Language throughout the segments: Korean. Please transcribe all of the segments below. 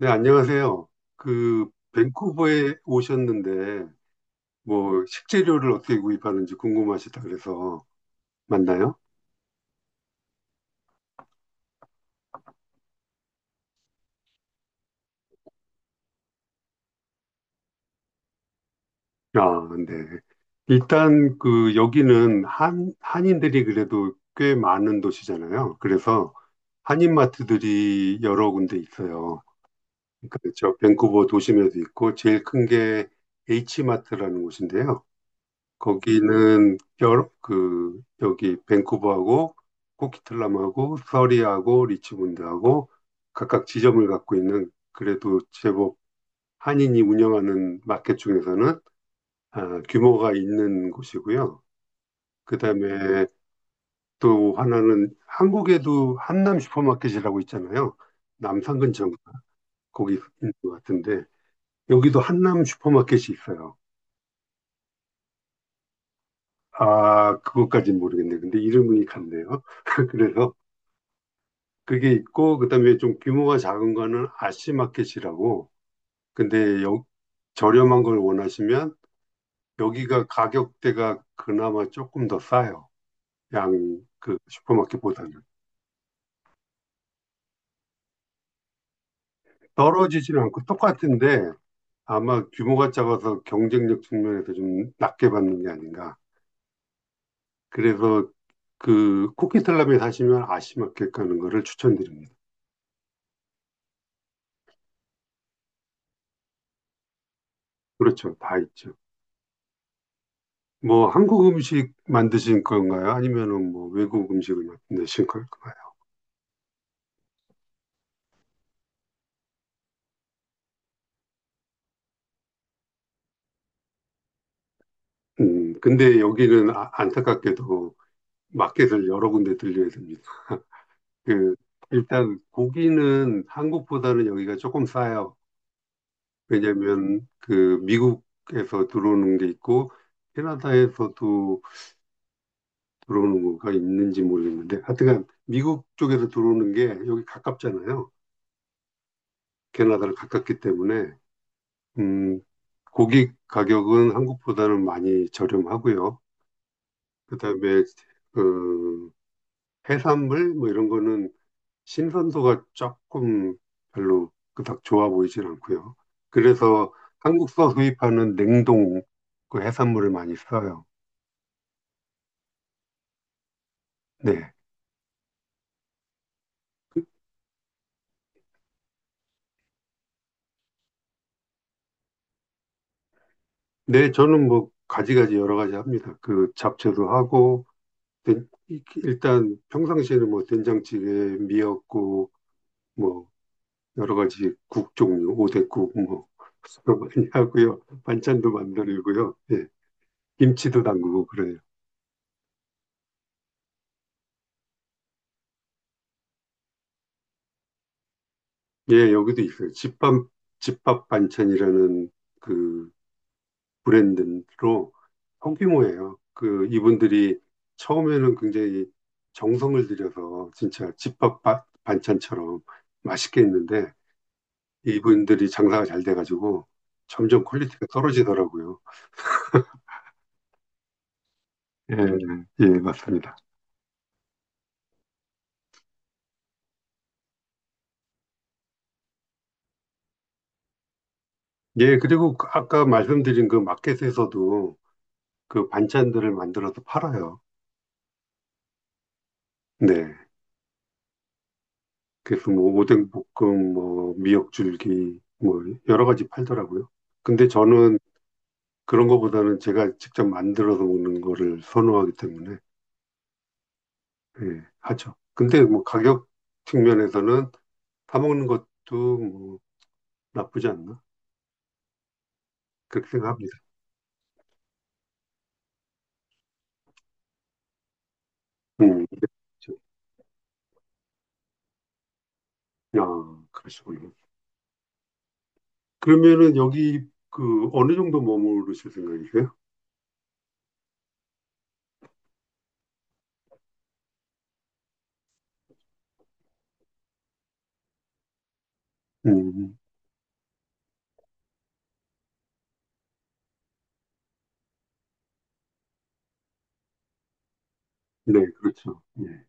네, 안녕하세요. 그, 밴쿠버에 오셨는데, 뭐, 식재료를 어떻게 구입하는지 궁금하시다 그래서 만나요? 아, 네. 일단, 그, 여기는 한인들이 그래도 꽤 많은 도시잖아요. 그래서 한인마트들이 여러 군데 있어요. 그러니까 저 밴쿠버 도심에도 있고, 제일 큰 게 H마트라는 곳인데요. 거기는 그 여기 밴쿠버하고 코키틀람하고 서리하고 리치몬드하고 각각 지점을 갖고 있는 그래도 제법 한인이 운영하는 마켓 중에서는 아, 규모가 있는 곳이고요. 그다음에 또 하나는 한국에도 한남 슈퍼마켓이라고 있잖아요. 남산 근처 거기 있는 것 같은데 여기도 한남 슈퍼마켓이 있어요. 아, 그것까진 모르겠네. 근데 이름이 같네요. 그래서 그게 있고, 그다음에 좀 규모가 작은 거는 아시마켓이라고. 근데 저렴한 걸 원하시면 여기가 가격대가 그나마 조금 더 싸요. 양 그 슈퍼마켓보다는. 떨어지지는 않고 똑같은데 아마 규모가 작아서 경쟁력 측면에서 좀 낮게 받는 게 아닌가. 그래서 그 코키텔람에 사시면 아시마켓 가는 거를 추천드립니다. 그렇죠. 다 있죠. 뭐 한국 음식 만드신 건가요? 아니면은 뭐 외국 음식을 만드신 건가요? 근데 여기는 안타깝게도 마켓을 여러 군데 들려야 됩니다. 그, 일단 고기는 한국보다는 여기가 조금 싸요. 왜냐면 그 미국에서 들어오는 게 있고 캐나다에서도 들어오는 거가 있는지 모르겠는데 하여튼간 미국 쪽에서 들어오는 게 여기 가깝잖아요. 캐나다를 가깝기 때문에 음, 고기 가격은 한국보다는 많이 저렴하고요. 그다음에 그 해산물 뭐 이런 거는 신선도가 조금 별로 그닥 좋아 보이진 않고요. 그래서 한국서 수입하는 냉동 그 해산물을 많이 써요. 네. 그- 네, 저는 뭐 가지가지 여러 가지 합니다. 그 잡채도 하고 된- 일단 평상시에는 뭐 된장찌개, 미역국 뭐 여러 가지 국 종류, 오뎅국 뭐 많이 하고요. 반찬도 만들고요. 예. 김치도 담그고 그래요. 예, 여기도 있어요. 집밥 반찬이라는 그 브랜드로 소규모예요. 그 이분들이 처음에는 굉장히 정성을 들여서 진짜 집밥 반찬처럼 맛있게 했는데 이분들이 장사가 잘 돼가지고 점점 퀄리티가 떨어지더라고요. 예, 예, 맞습니다. 예, 그리고 그 아까 말씀드린 그 마켓에서도 그 반찬들을 만들어서 팔아요. 네. 그래서 뭐 오뎅 볶음, 뭐 미역줄기, 뭐 여러 가지 팔더라고요. 근데 저는 그런 거보다는 제가 직접 만들어서 먹는 거를 선호하기 때문에 예, 하죠. 근데 뭐 가격 측면에서는 사 먹는 것도 뭐 나쁘지 않나 그렇게 생각합니다. 음, 그렇죠. 아, 그러시군요. 그러면은 여기 그 어느 정도 머무르실 생각이세요? 음, 네, 그렇죠. 예,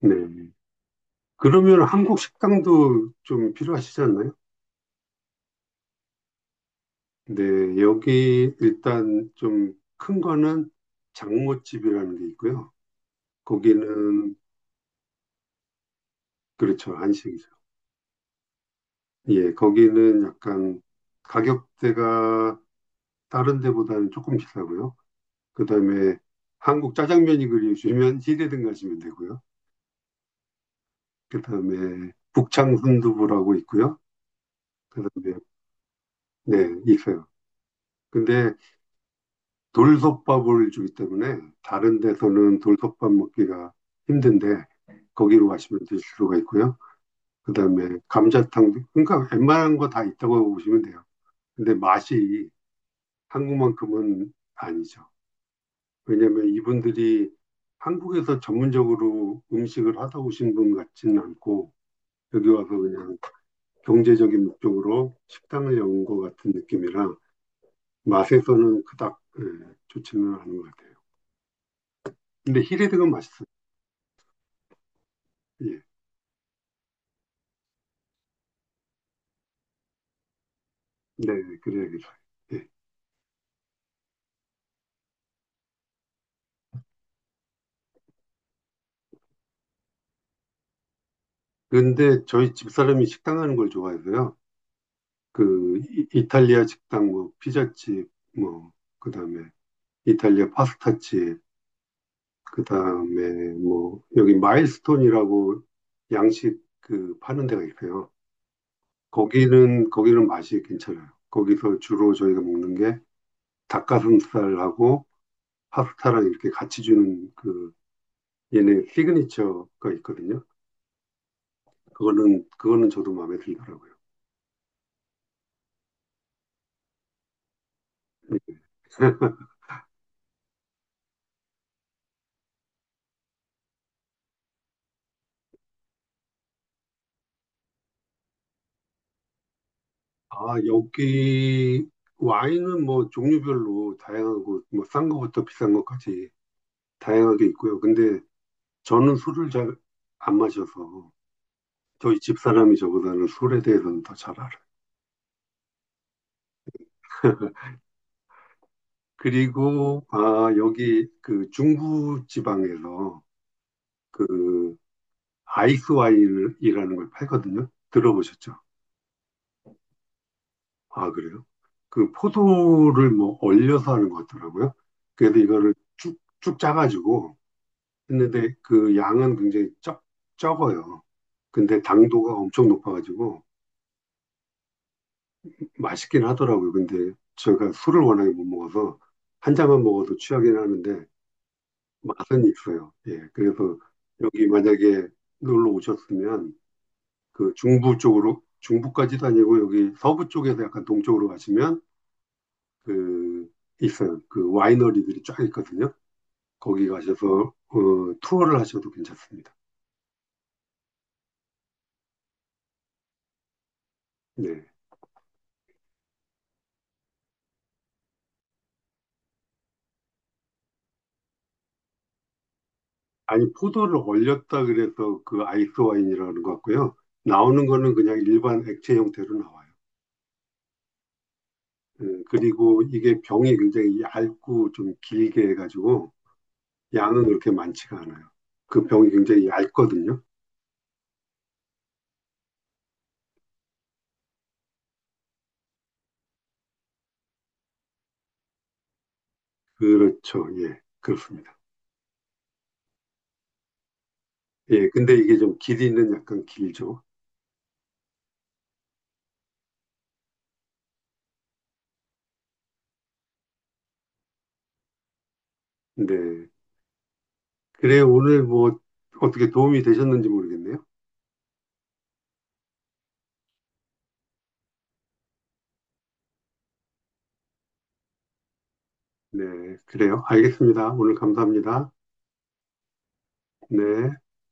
네. 그러면 한국 식당도 좀 필요하시지 않나요? 네, 여기 일단 좀 큰 거는 장모집이라는 게 있고요. 거기는, 그렇죠, 한식이죠. 예, 거기는 약간 가격대가 다른 데보다는 조금 비싸고요. 그 다음에 한국 짜장면이 그리우시면 시대등 가시면 되고요. 그 다음에 북창 순두부라고 있고요. 그 다음에, 네, 있어요. 근데 돌솥밥을 주기 때문에 다른 데서는 돌솥밥 먹기가 힘든데 거기로 가시면 드실 수가 있고요. 그다음에 감자탕도 그러니까 웬만한 거 다 있다고 보시면 돼요. 근데 맛이 한국만큼은 아니죠. 왜냐하면 이분들이 한국에서 전문적으로 음식을 하다 오신 분 같지는 않고 여기 와서 그냥 경제적인 목적으로 식당을 여는 것 같은 느낌이라 맛에서는 그닥 예, 좋지는 않은 것 같아요. 근데 히레드가 맛있어요. 예. 네, 그래야겠요. 예. 그런데 저희 집사람이 식당 가는 걸 좋아해서요. 그 이탈리아 식당, 뭐 피자집, 뭐 그다음에 이탈리아 파스타집, 그다음에 뭐 여기 마일스톤이라고 양식 그 파는 데가 있어요. 거기는 맛이 괜찮아요. 거기서 주로 저희가 먹는 게 닭가슴살하고 파스타랑 이렇게 같이 주는 그 얘네 시그니처가 있거든요. 그거는 저도 마음에 들더라고요. 아, 여기 와인은 뭐 종류별로 다양하고 뭐 싼 거부터 비싼 것까지 다양하게 있고요. 근데 저는 술을 잘 안 마셔서 저희 집사람이 저보다는 술에 대해서는 더 잘 알아요. 그리고 아, 여기 그 중부 지방에서 그 아이스 와인이라는 걸 팔거든요. 들어보셨죠? 아, 그래요? 그 포도를 뭐 얼려서 하는 것 같더라고요. 그래서 이거를 쭉, 쭉 짜가지고 했는데 그 양은 굉장히 적어요. 근데 당도가 엄청 높아가지고 맛있긴 하더라고요. 근데 제가 술을 워낙에 못 먹어서 한 잔만 먹어도 취하긴 하는데 맛은 있어요. 예. 그래서 여기 만약에 놀러 오셨으면 그 중부 쪽으로 중부까지도 아니고 여기 서부 쪽에서 약간 동쪽으로 가시면 그 있어요. 그 와이너리들이 쫙 있거든요. 거기 가셔서 투어를 하셔도 괜찮습니다. 네. 아니, 포도를 얼렸다 그래서 그 아이스 와인이라는 것 같고요. 나오는 거는 그냥 일반 액체 형태로 나와요. 예, 그리고 이게 병이 굉장히 얇고 좀 길게 해가지고 양은 그렇게 많지가 않아요. 그 병이 굉장히 얇거든요. 그렇죠. 예, 그렇습니다. 예, 근데 이게 좀 길이는 약간 길죠. 네. 그래, 오늘 뭐 어떻게 도움이 되셨는지 모르겠네요. 네, 그래요. 알겠습니다. 오늘 감사합니다. 네.